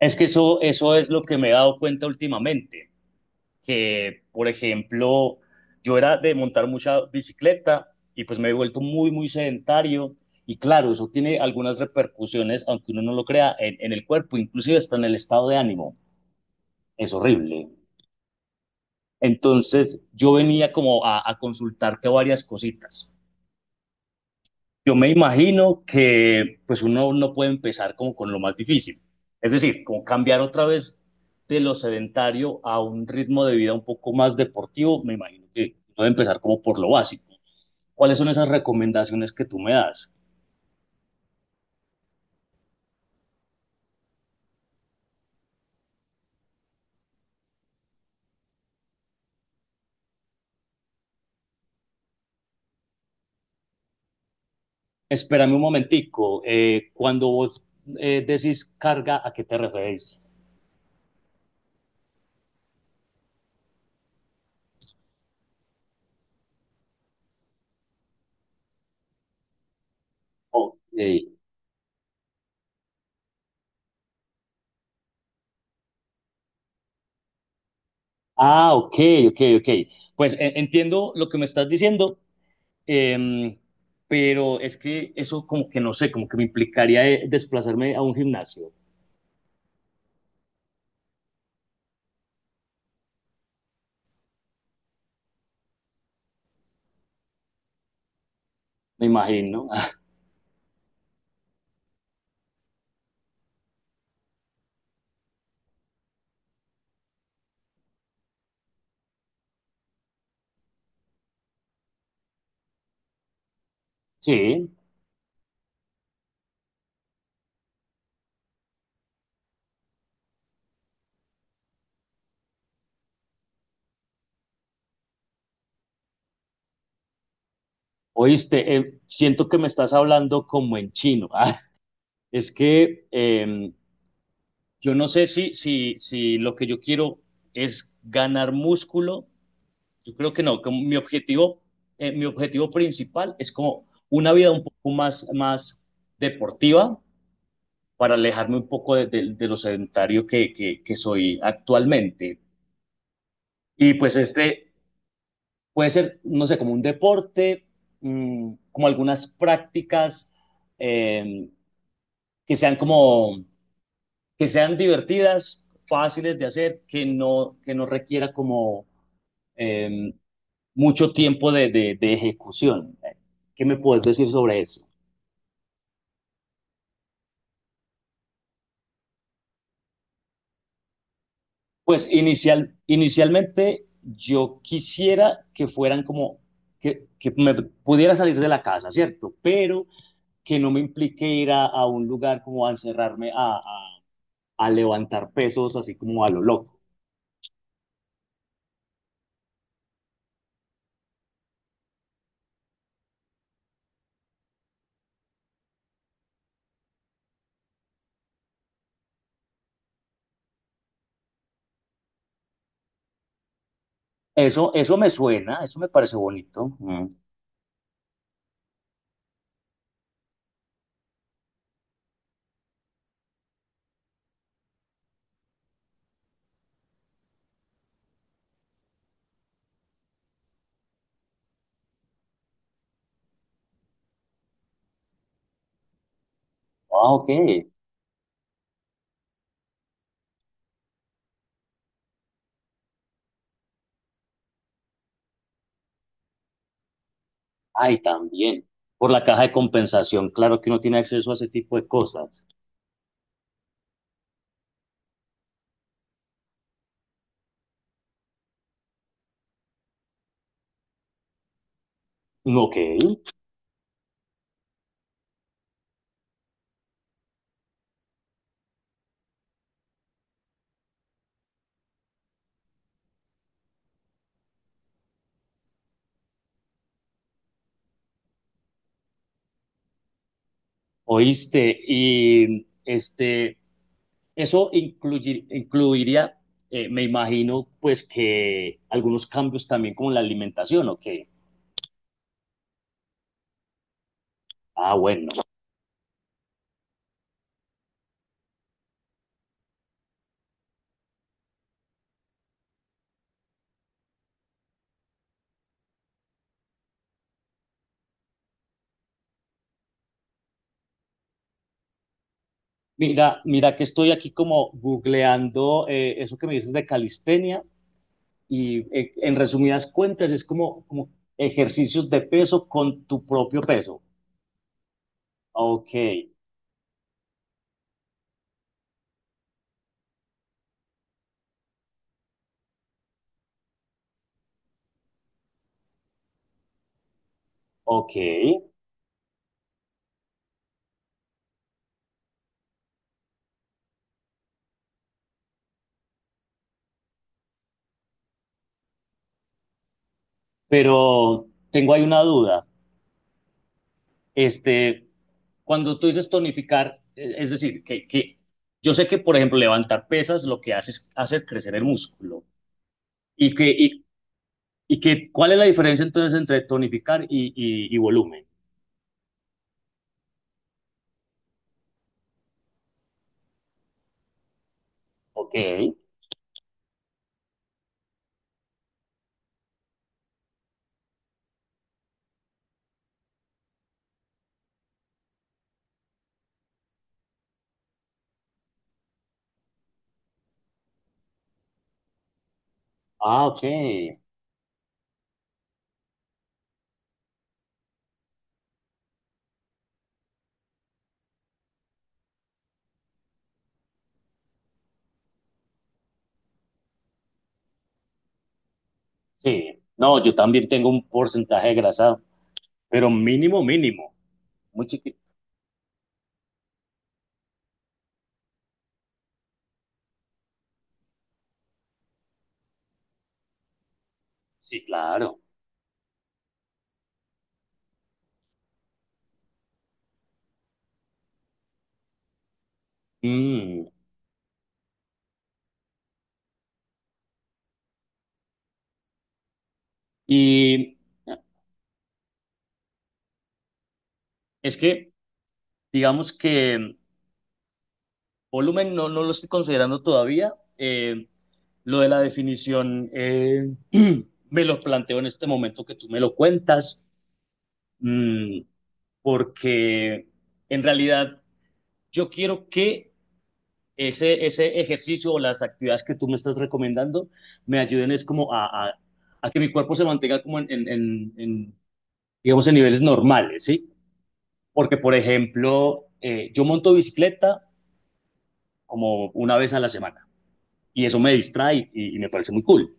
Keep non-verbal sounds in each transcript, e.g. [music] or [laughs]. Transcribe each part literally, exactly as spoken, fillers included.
Es que eso, eso es lo que me he dado cuenta últimamente, que por ejemplo, yo era de montar mucha bicicleta y pues me he vuelto muy, muy sedentario y claro, eso tiene algunas repercusiones, aunque uno no lo crea, en, en el cuerpo, inclusive hasta en el estado de ánimo. Es horrible. Entonces yo venía como a, a consultarte varias cositas. Yo me imagino que pues uno no puede empezar como con lo más difícil, es decir, como cambiar otra vez de lo sedentario a un ritmo de vida un poco más deportivo, me imagino que uno debe empezar como por lo básico. ¿Cuáles son esas recomendaciones que tú me das? Espérame un momentico, eh, cuando vos eh, decís carga, ¿a qué te referís? Ok. Ah, ok, ok, ok. Pues eh, entiendo lo que me estás diciendo, Em, pero es que eso como que no sé, como que me implicaría eh, desplazarme a un gimnasio, me imagino. [laughs] Sí, oíste, eh, siento que me estás hablando como en chino. [laughs] Ah, es que em, yo no sé si, si, si lo que yo quiero es ganar músculo. Yo creo que no, como mi objetivo, eh, mi objetivo principal es como una vida un poco más, más deportiva para alejarme un poco de, de- de lo sedentario que, que, que soy actualmente. Y pues este puede ser, no sé, como un deporte, mm, como algunas prácticas eh, que sean como, que sean divertidas, fáciles de hacer, que no, que no requiera como eh, mucho tiempo de, de, de ejecución. ¿Qué me puedes decir sobre eso? Pues inicial, inicialmente yo quisiera que fueran como, que, que me pudiera salir de la casa, ¿cierto? Pero que no me implique ir a, a un lugar como a encerrarme a, a, a levantar pesos así como a lo loco. Eso, eso me suena, eso me parece bonito. Mm. Ah, ok. Ay, también. Por la caja de compensación, claro que uno tiene acceso a ese tipo de cosas. Mm, Ok, oíste. Y este, eso incluir- incluiría, eh, me imagino, pues que algunos cambios también como en la alimentación, ok. Ah, bueno. Mira, mira que estoy aquí como googleando eh, eso que me dices de calistenia y eh, en resumidas cuentas es como, como ejercicios de peso con tu propio peso. Ok, ok, pero tengo ahí una duda. Este, cuando tú dices tonificar, eh, es decir, que, que yo sé que, por ejemplo, levantar pesas lo que hace es hacer crecer el músculo. ¿Y que, y, y que cuál es la diferencia entonces entre tonificar y, y, y volumen? Ok. Ah, ok. Sí. No, yo también tengo un porcentaje de grasa, pero mínimo, mínimo. Muy chiquito. Sí, claro. Mm. Y es que, digamos que volumen no, no lo estoy considerando todavía. Eh, lo de la definición eh, [clears throat] me lo planteo en este momento que tú me lo cuentas, mm, porque en realidad yo quiero que ese, ese ejercicio o las actividades que tú me estás recomendando me ayuden es como a, a- a que mi cuerpo se mantenga como en, en- en- en, digamos, en niveles normales, ¿sí? Porque, por ejemplo, eh, yo monto bicicleta como una vez a la semana y eso me distrae y, y me parece muy cool.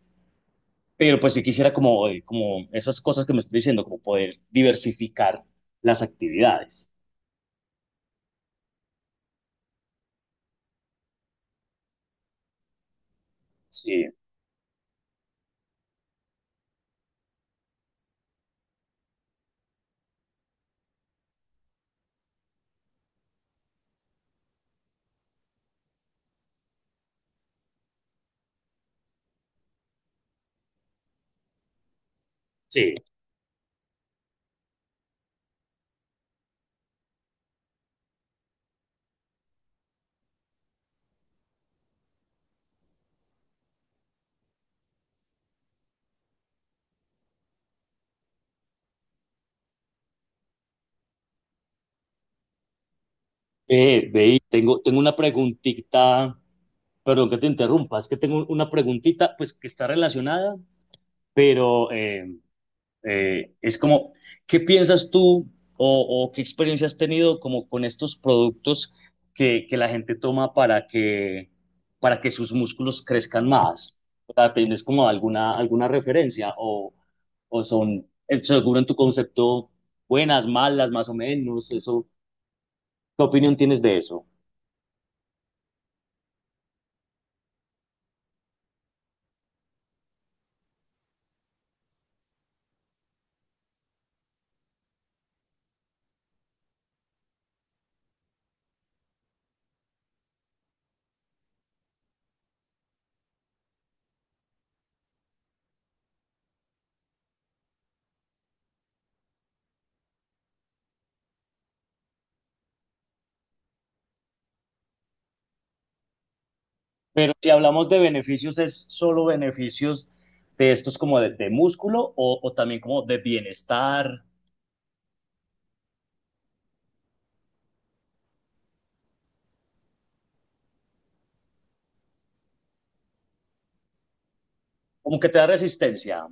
Pero pues si quisiera como, eh, como esas cosas que me estás diciendo, como poder diversificar las actividades. Sí, sí. Eh, ve, y tengo, tengo una preguntita. Perdón que te interrumpa, es que tengo una preguntita, pues que está relacionada, pero eh, eh, es como, ¿qué piensas tú o, o qué experiencia has tenido como con estos productos que, que la gente toma para que, para que sus músculos crezcan más? O sea, ¿tienes como alguna, alguna referencia o, o son, eh, seguro en tu concepto, buenas, malas, más o menos? Eso, ¿qué opinión tienes de eso? Pero si hablamos de beneficios, ¿es solo beneficios de estos como de, de músculo o, o también como de bienestar? Como que te da resistencia. O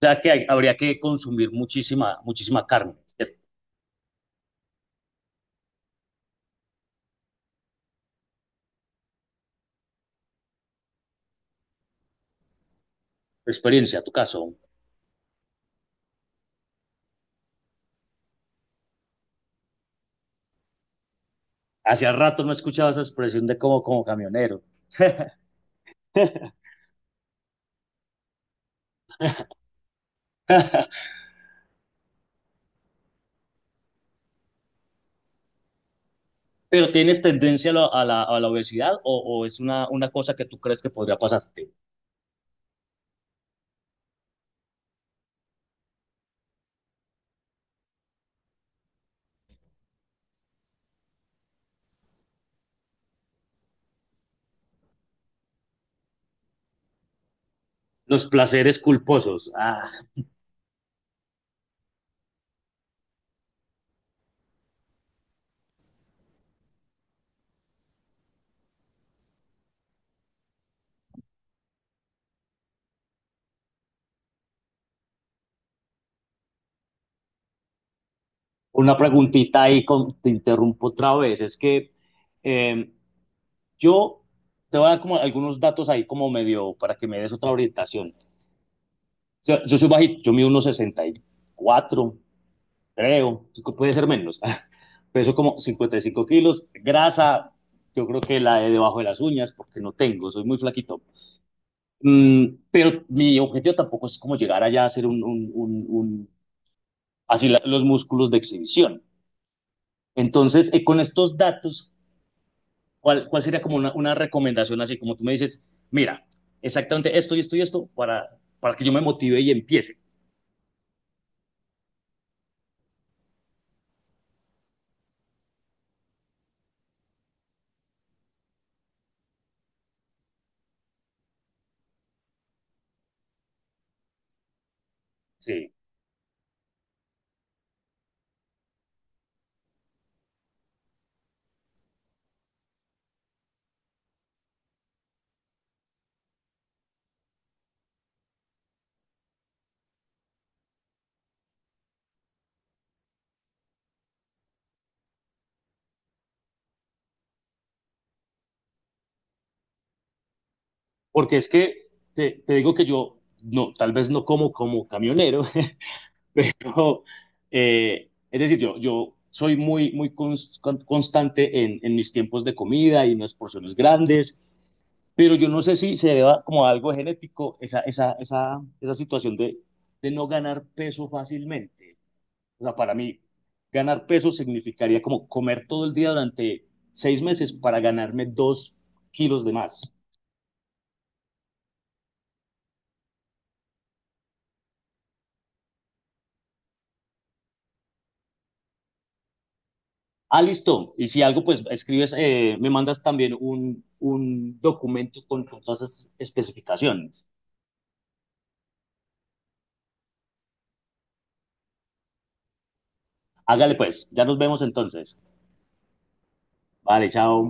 sea que hay- habría que consumir muchísima, muchísima carne. Es- Experiencia, tu caso. Hacía rato no escuchaba esa expresión de como, como camionero. [laughs] ¿Pero tienes tendencia a la, a la- a la obesidad o, o es una, una cosa que tú crees que podría pasarte? Los placeres culposos. Ah, una preguntita ahí, con- te interrumpo otra vez. Es que eh, yo te voy a dar como algunos datos ahí como medio para que me des otra orientación. Yo, yo soy bajito, yo mido unos cuatro creo, puede ser menos. [laughs] Peso como cincuenta y cinco kilos, grasa, yo creo que la de debajo de las uñas, porque no tengo, soy muy flaquito. Mm, pero mi objetivo tampoco es como llegar allá a ser un, un, un, un así la, los músculos de exhibición. Entonces, eh, con estos datos, ¿Cuál, cuál sería como una, una recomendación así? Como tú me dices, mira, exactamente esto y esto y esto para, para que yo me motive y empiece. Sí. Porque es que te, te digo que yo, no, tal vez no como como camionero, [laughs] pero eh, es decir, yo, yo soy muy, muy cons- con- constante en, en mis tiempos de comida y unas porciones grandes, pero yo no sé si se deba como a algo genético esa, esa, esa, esa situación de, de no ganar peso fácilmente. O sea, para mí, ganar peso significaría como comer todo el día durante seis meses para ganarme dos kilos de más. Ah, listo. Y si algo, pues escribes, eh, me mandas también un, un documento con, con todas esas especificaciones. Hágale pues, ya nos vemos entonces. Vale, chao.